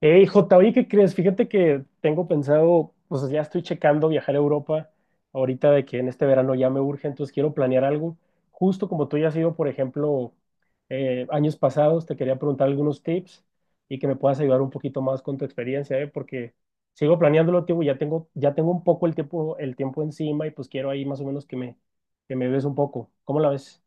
Hey, J, oye, ¿qué crees? Fíjate que tengo pensado, pues ya estoy checando viajar a Europa ahorita de que en este verano ya me urge, entonces quiero planear algo. Justo como tú ya has ido, por ejemplo, años pasados, te quería preguntar algunos tips y que me puedas ayudar un poquito más con tu experiencia, ¿eh? Porque sigo planeándolo, tío, y ya tengo un poco el tiempo, encima y pues quiero ahí más o menos que me ves un poco. ¿Cómo la ves?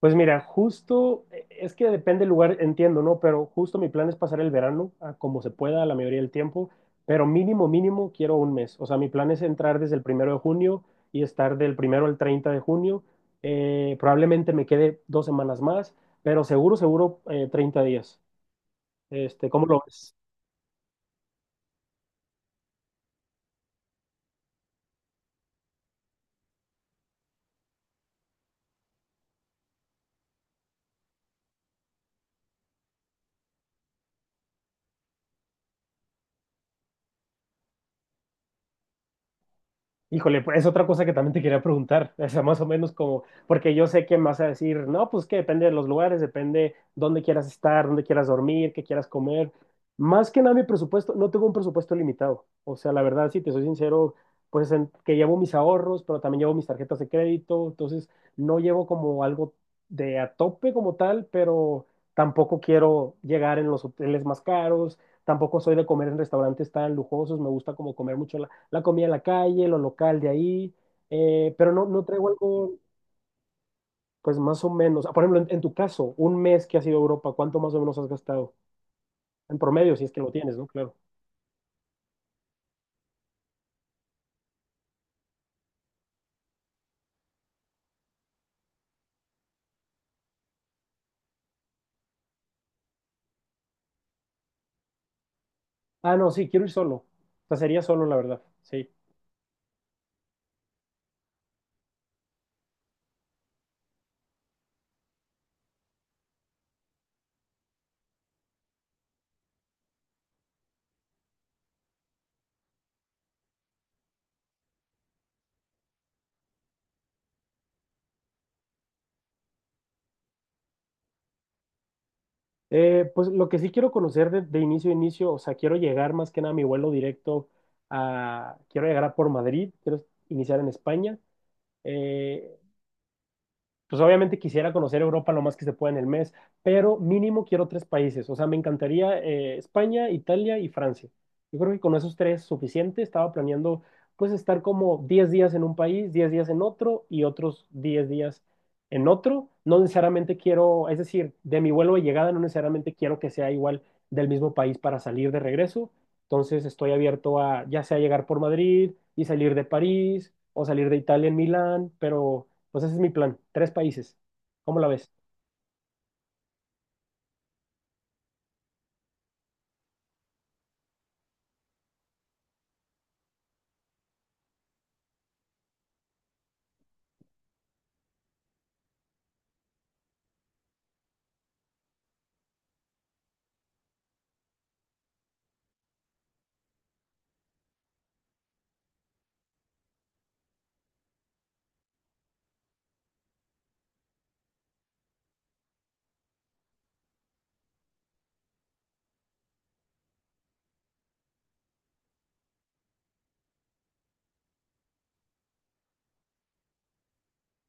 Pues mira, justo, es que depende del lugar, entiendo, ¿no? Pero justo mi plan es pasar el verano a como se pueda la mayoría del tiempo, pero mínimo, mínimo quiero un mes. O sea, mi plan es entrar desde el primero de junio y estar del primero al 30 de junio. Probablemente me quede 2 semanas más, pero seguro, seguro, 30 días. Este, ¿cómo lo ves? Híjole, pues es otra cosa que también te quería preguntar, o sea, más o menos como, porque yo sé que me vas a decir, no, pues que depende de los lugares, depende dónde quieras estar, dónde quieras dormir, qué quieras comer. Más que nada mi presupuesto, no tengo un presupuesto limitado, o sea, la verdad, si te soy sincero, pues que llevo mis ahorros, pero también llevo mis tarjetas de crédito, entonces no llevo como algo de a tope como tal, pero tampoco quiero llegar en los hoteles más caros, tampoco soy de comer en restaurantes tan lujosos, me gusta como comer mucho la comida de la calle, lo local de ahí, pero no, no traigo algo, pues más o menos. Por ejemplo, en tu caso, un mes que has ido a Europa, ¿cuánto más o menos has gastado? En promedio, si es que lo tienes, ¿no? Claro. Ah, no, sí, quiero ir solo. O sea, sería solo, la verdad, sí. Pues lo que sí quiero conocer de, inicio a inicio, o sea, quiero llegar más que nada a mi vuelo directo quiero llegar a por Madrid, quiero iniciar en España. Eh, Pues obviamente quisiera conocer Europa lo más que se pueda en el mes, pero mínimo quiero tres países. O sea, me encantaría España, Italia y Francia. Yo creo que con esos tres suficiente. Estaba planeando pues estar como 10 días en un país, 10 días en otro y otros 10 días en otro. No necesariamente quiero, es decir, de mi vuelo de llegada no necesariamente quiero que sea igual del mismo país para salir de regreso. Entonces estoy abierto a ya sea llegar por Madrid y salir de París o salir de Italia en Milán, pero pues ese es mi plan, tres países. ¿Cómo la ves?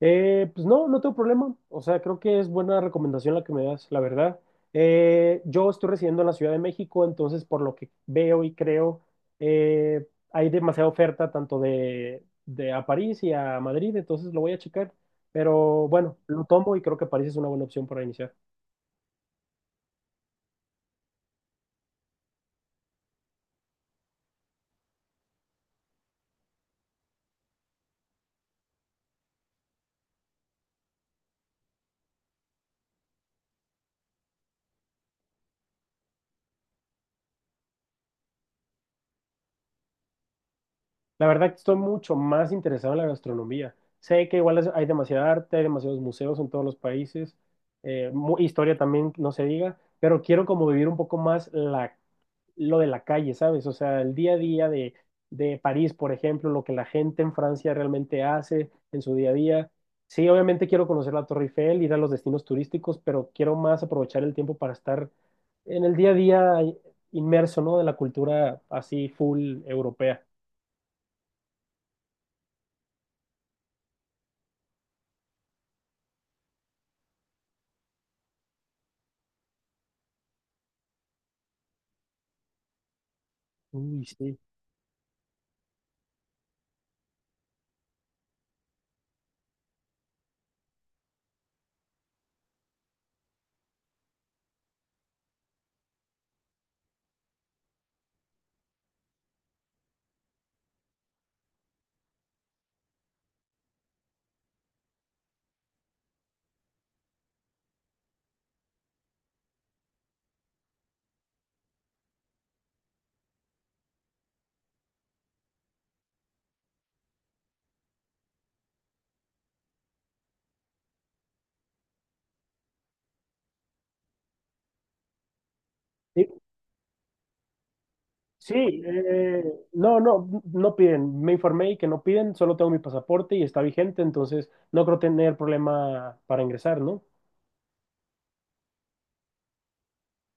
Pues no, no tengo problema. O sea, creo que es buena recomendación la que me das, la verdad. Yo estoy residiendo en la Ciudad de México, entonces por lo que veo y creo, hay demasiada oferta tanto de, a París y a Madrid, entonces lo voy a checar. Pero bueno, lo tomo y creo que París es una buena opción para iniciar. La verdad que estoy mucho más interesado en la gastronomía. Sé que igual hay demasiada arte, hay demasiados museos en todos los países, historia también, no se diga, pero quiero como vivir un poco más lo de la calle, ¿sabes? O sea, el día a día de París, por ejemplo, lo que la gente en Francia realmente hace en su día a día. Sí, obviamente quiero conocer la Torre Eiffel, ir a los destinos turísticos, pero quiero más aprovechar el tiempo para estar en el día a día inmerso, ¿no? De la cultura así full europea. Uy, sí. Sí, sí, eh, no, no, no piden. Me informé y que no piden, solo tengo mi pasaporte y está vigente, entonces no creo tener problema para ingresar, ¿no?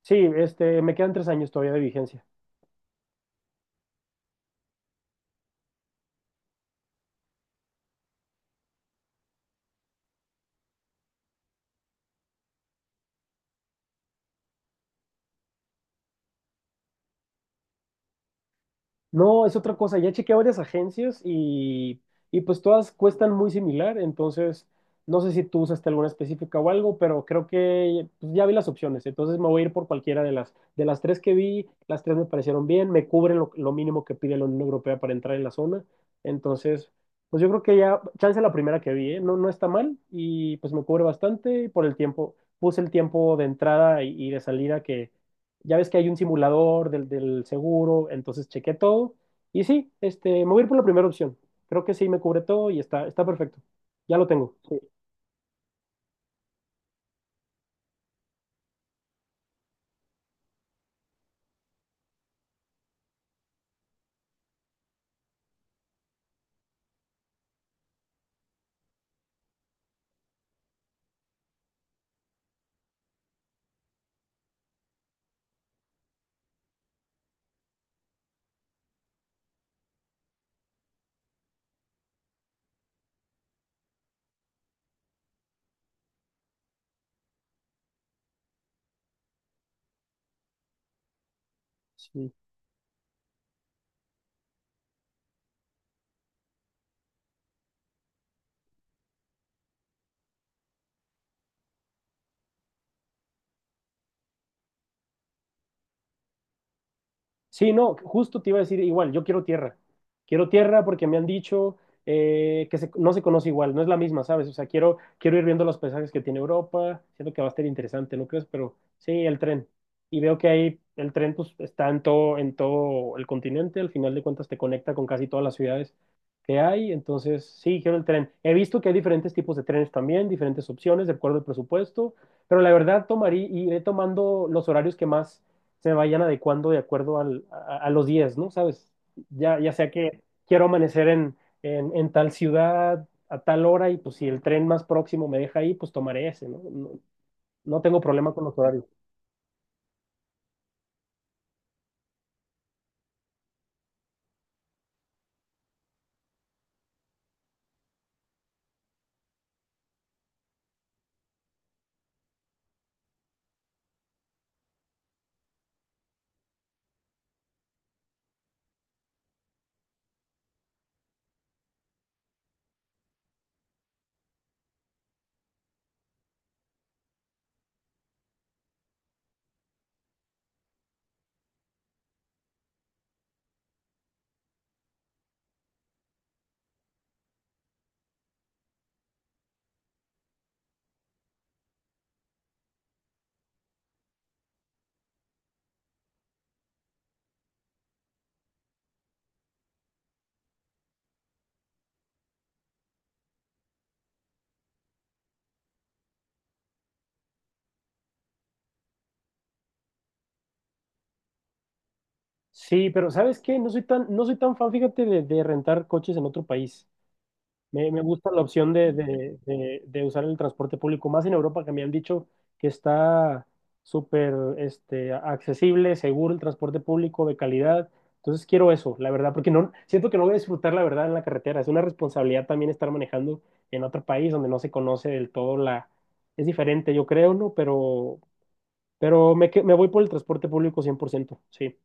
Sí, este, me quedan 3 años todavía de vigencia. No, es otra cosa. Ya chequeé varias agencias y pues todas cuestan muy similar. Entonces, no sé si tú usaste alguna específica o algo, pero creo que pues, ya vi las opciones. Entonces me voy a ir por cualquiera de las, tres que vi. Las tres me parecieron bien, me cubren lo mínimo que pide la Unión Europea para entrar en la zona. Entonces, pues yo creo que ya, chance la primera que vi, ¿eh? No, no está mal y pues me cubre bastante y por el tiempo. Puse el tiempo de entrada y de salida que ya ves que hay un simulador del seguro, entonces chequé todo y sí, este, me voy a ir por la primera opción. Creo que sí me cubre todo y está perfecto. Ya lo tengo. Sí, sí. Sí, no, justo te iba a decir igual, yo quiero tierra. Quiero tierra porque me han dicho que no se conoce igual, no es la misma, ¿sabes? O sea, quiero ir viendo los paisajes que tiene Europa, siento que va a estar interesante, ¿no crees? Pero sí, el tren. Y veo que ahí el tren pues está en todo el continente, al final de cuentas te conecta con casi todas las ciudades que hay, entonces sí, quiero el tren. He visto que hay diferentes tipos de trenes también, diferentes opciones, de acuerdo al presupuesto, pero la verdad tomaría, iré tomando los horarios que más se vayan adecuando de acuerdo a los días, ¿no? ¿Sabes? Ya sea que quiero amanecer en, en tal ciudad a tal hora y pues si el tren más próximo me deja ahí, pues tomaré ese, ¿no? No, no tengo problema con los horarios. Sí, pero ¿sabes qué? No soy tan fan, fíjate, de, rentar coches en otro país. Me gusta la opción de, de usar el transporte público, más en Europa que me han dicho que está súper accesible, seguro el transporte público, de calidad. Entonces quiero eso, la verdad, porque no, siento que no voy a disfrutar la verdad en la carretera. Es una responsabilidad también estar manejando en otro país donde no se conoce del todo la. Es diferente, yo creo, ¿no? Pero me voy por el transporte público 100% sí.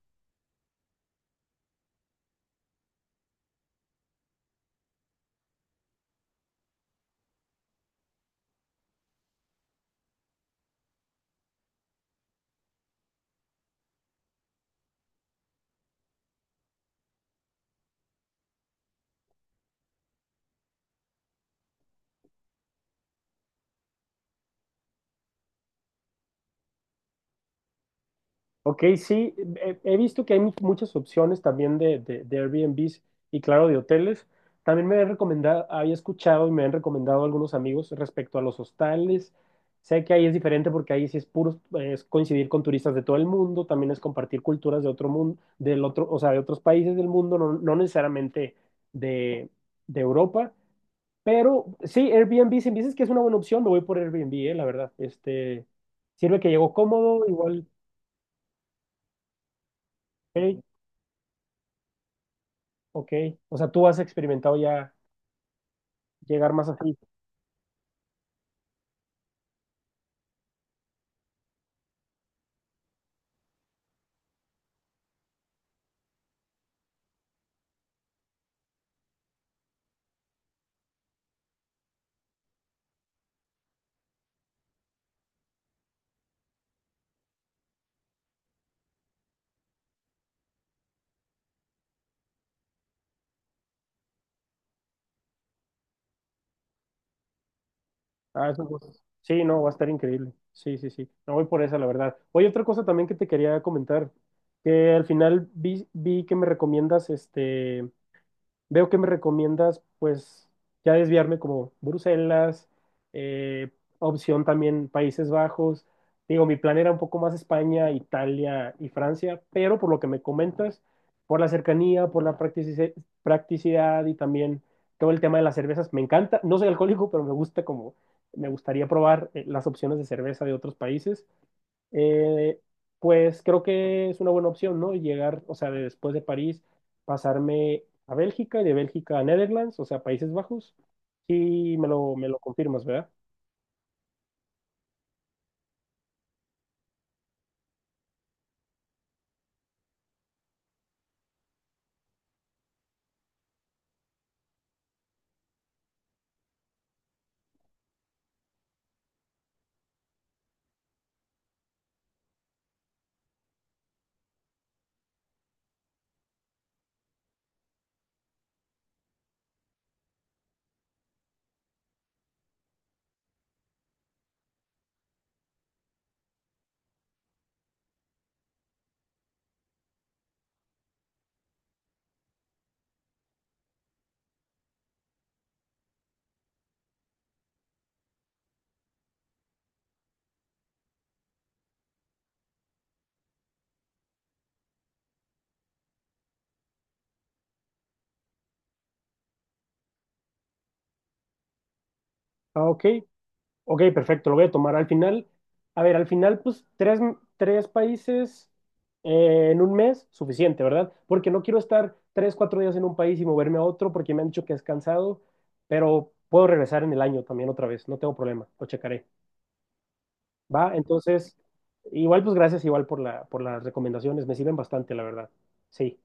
Ok, sí, he visto que hay muchas opciones también de, de Airbnbs y claro, de hoteles. También me han recomendado, había escuchado y me han recomendado algunos amigos respecto a los hostales. Sé que ahí es diferente porque ahí sí es puro, es coincidir con turistas de todo el mundo, también es compartir culturas de otro mundo, del otro, o sea, de otros países del mundo, no, no necesariamente de, de Europa. Pero sí, Airbnb, si me dices que es una buena opción, me voy por Airbnb, la verdad. Sirve que llego cómodo, igual, ok. Ok, o sea, tú has experimentado ya llegar más así. Ah, eso, pues, sí, no, va a estar increíble. Sí, sí, sí. No voy por esa, la verdad. Oye, otra cosa también que te quería comentar, que al final vi, vi que me recomiendas este veo que me recomiendas, pues, ya desviarme como Bruselas, eh, opción también Países Bajos. Digo, mi plan era un poco más España, Italia y Francia, pero por lo que me comentas, por la cercanía, por la practicidad y también todo el tema de las cervezas, me encanta. No soy alcohólico, pero me gustaría probar las opciones de cerveza de otros países eh, pues creo que es una buena opción, ¿no? Llegar, o sea, de después de París, pasarme a Bélgica y de Bélgica a Netherlands, o sea, Países Bajos. Sí, me lo confirmas, ¿verdad? Ah, ok. Ok, perfecto, lo voy a tomar. Al final, a ver, al final, pues tres, países en un mes, suficiente, ¿verdad? Porque no quiero estar 3, 4 días en un país y moverme a otro porque me han dicho que es cansado, pero puedo regresar en el año también otra vez, no tengo problema, lo checaré. Va, entonces, igual pues gracias igual por las recomendaciones, me sirven bastante, la verdad. Sí.